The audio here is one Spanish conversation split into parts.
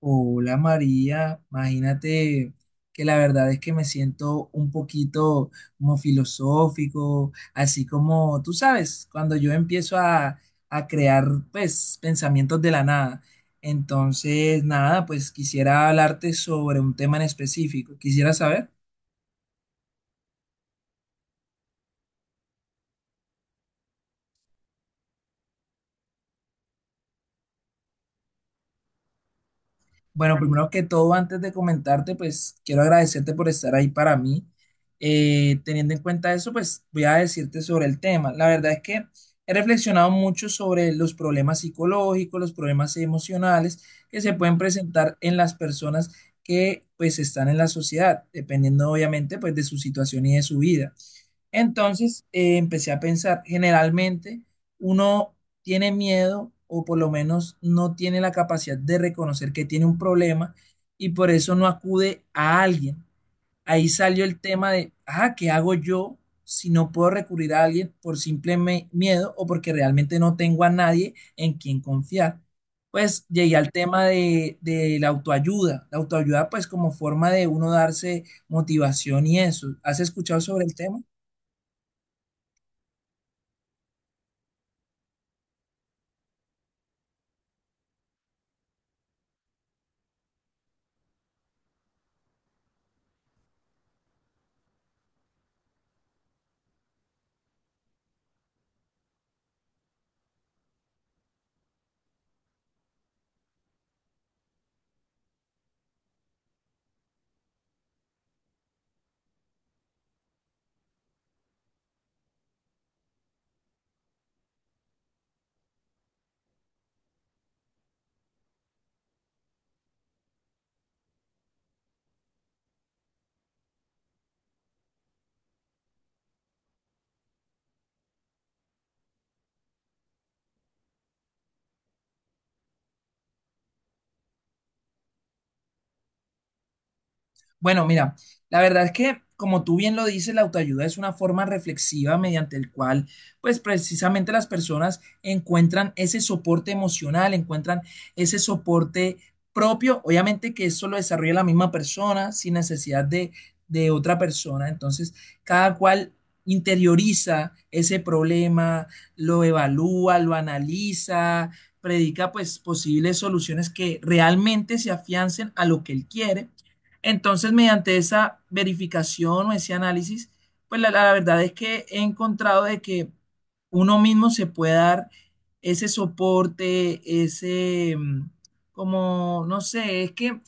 Hola María, imagínate que la verdad es que me siento un poquito como filosófico, así como tú sabes, cuando yo empiezo a crear pues pensamientos de la nada. Entonces, nada, pues quisiera hablarte sobre un tema en específico. Quisiera saber. Bueno, primero que todo, antes de comentarte, pues quiero agradecerte por estar ahí para mí. Teniendo en cuenta eso, pues voy a decirte sobre el tema. La verdad es que he reflexionado mucho sobre los problemas psicológicos, los problemas emocionales que se pueden presentar en las personas que pues están en la sociedad, dependiendo obviamente pues de su situación y de su vida. Entonces, empecé a pensar, generalmente uno tiene miedo o por lo menos no tiene la capacidad de reconocer que tiene un problema y por eso no acude a alguien. Ahí salió el tema de, ah, ¿qué hago yo si no puedo recurrir a alguien por simple miedo o porque realmente no tengo a nadie en quien confiar? Pues llegué al tema de la autoayuda. La autoayuda pues como forma de uno darse motivación y eso. ¿Has escuchado sobre el tema? Bueno, mira, la verdad es que, como tú bien lo dices, la autoayuda es una forma reflexiva mediante el cual, pues precisamente las personas encuentran ese soporte emocional, encuentran ese soporte propio, obviamente que eso lo desarrolla la misma persona sin necesidad de otra persona, entonces cada cual interioriza ese problema, lo evalúa, lo analiza, predica pues posibles soluciones que realmente se afiancen a lo que él quiere. Entonces, mediante esa verificación o ese análisis, pues la verdad es que he encontrado de que uno mismo se puede dar ese soporte, no sé, es que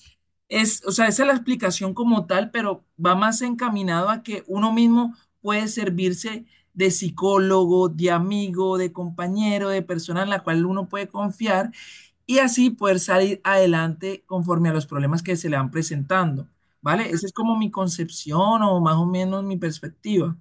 o sea, esa es la explicación como tal, pero va más encaminado a que uno mismo puede servirse de psicólogo, de amigo, de compañero, de persona en la cual uno puede confiar y así poder salir adelante conforme a los problemas que se le van presentando, ¿vale? Esa es como mi concepción o más o menos mi perspectiva.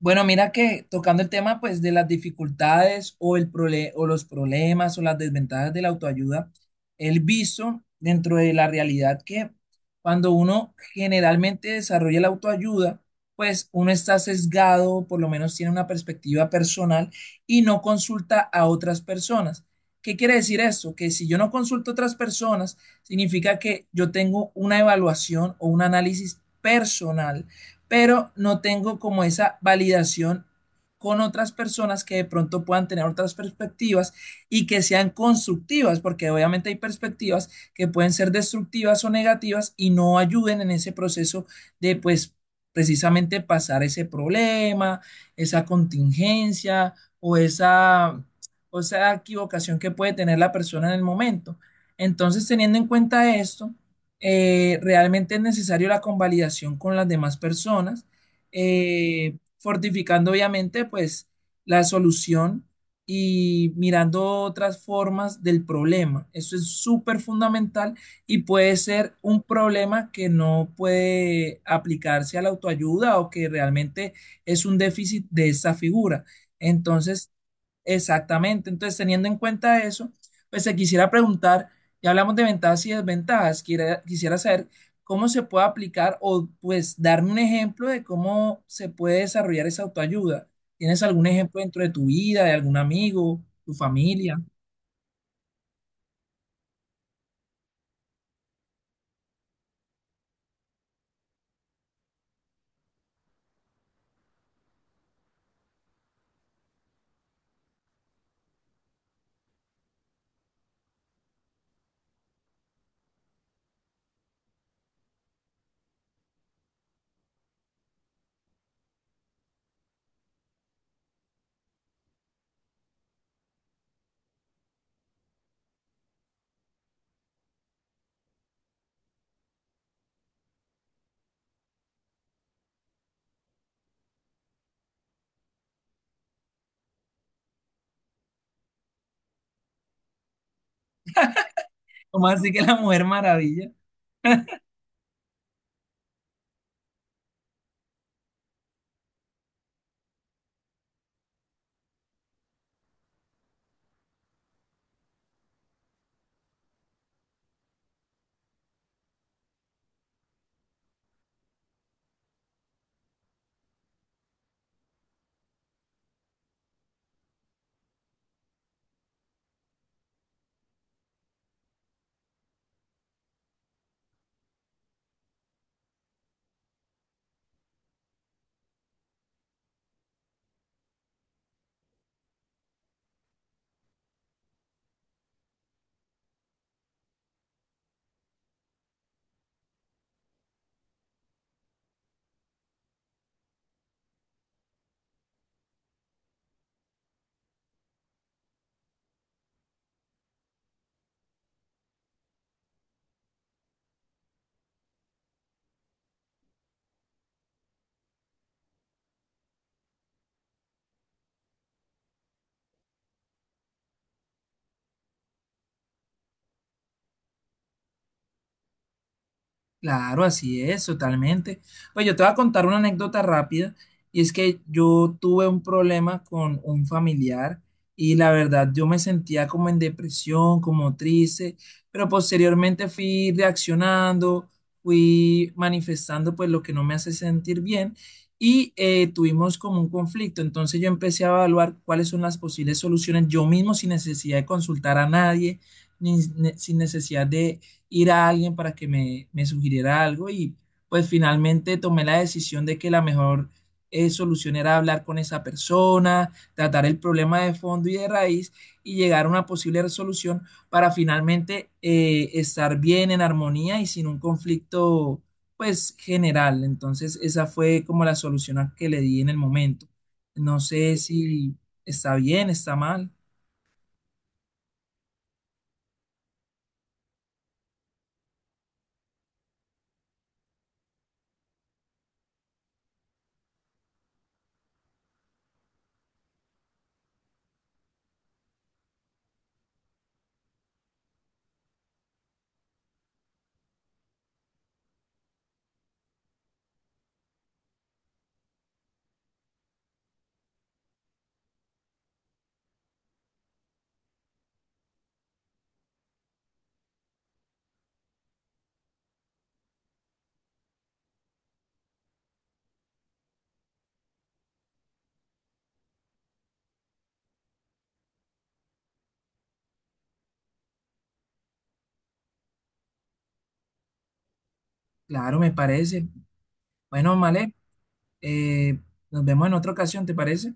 Bueno, mira que tocando el tema pues de las dificultades o el o los problemas o las desventajas de la autoayuda, el visto dentro de la realidad que cuando uno generalmente desarrolla la autoayuda, pues uno está sesgado, por lo menos tiene una perspectiva personal y no consulta a otras personas. ¿Qué quiere decir esto? Que si yo no consulto a otras personas, significa que yo tengo una evaluación o un análisis personal pero no tengo como esa validación con otras personas que de pronto puedan tener otras perspectivas y que sean constructivas, porque obviamente hay perspectivas que pueden ser destructivas o negativas y no ayuden en ese proceso de pues precisamente pasar ese problema, esa contingencia o esa, o esa equivocación que puede tener la persona en el momento. Entonces, teniendo en cuenta esto, realmente es necesario la convalidación con las demás personas, fortificando obviamente pues la solución y mirando otras formas del problema. Eso es súper fundamental y puede ser un problema que no puede aplicarse a la autoayuda o que realmente es un déficit de esa figura. Entonces, exactamente, entonces teniendo en cuenta eso, pues se quisiera preguntar. Ya hablamos de ventajas y desventajas. Quisiera saber cómo se puede aplicar o pues darme un ejemplo de cómo se puede desarrollar esa autoayuda. ¿Tienes algún ejemplo dentro de tu vida, de algún amigo, tu familia? ¿Cómo así que la Mujer Maravilla? Claro, así es, totalmente. Pues yo te voy a contar una anécdota rápida y es que yo tuve un problema con un familiar y la verdad yo me sentía como en depresión, como triste, pero posteriormente fui reaccionando, fui manifestando pues lo que no me hace sentir bien y tuvimos como un conflicto. Entonces yo empecé a evaluar cuáles son las posibles soluciones yo mismo sin necesidad de consultar a nadie, ni- sin necesidad de ir a alguien para que me sugiriera algo y pues finalmente tomé la decisión de que la mejor solución era hablar con esa persona, tratar el problema de fondo y de raíz y llegar a una posible resolución para finalmente estar bien en armonía y sin un conflicto pues general. Entonces esa fue como la solución a que le di en el momento. No sé si está bien, está mal. Claro, me parece. Bueno, Malek, Eh, nos vemos en otra ocasión, ¿te parece?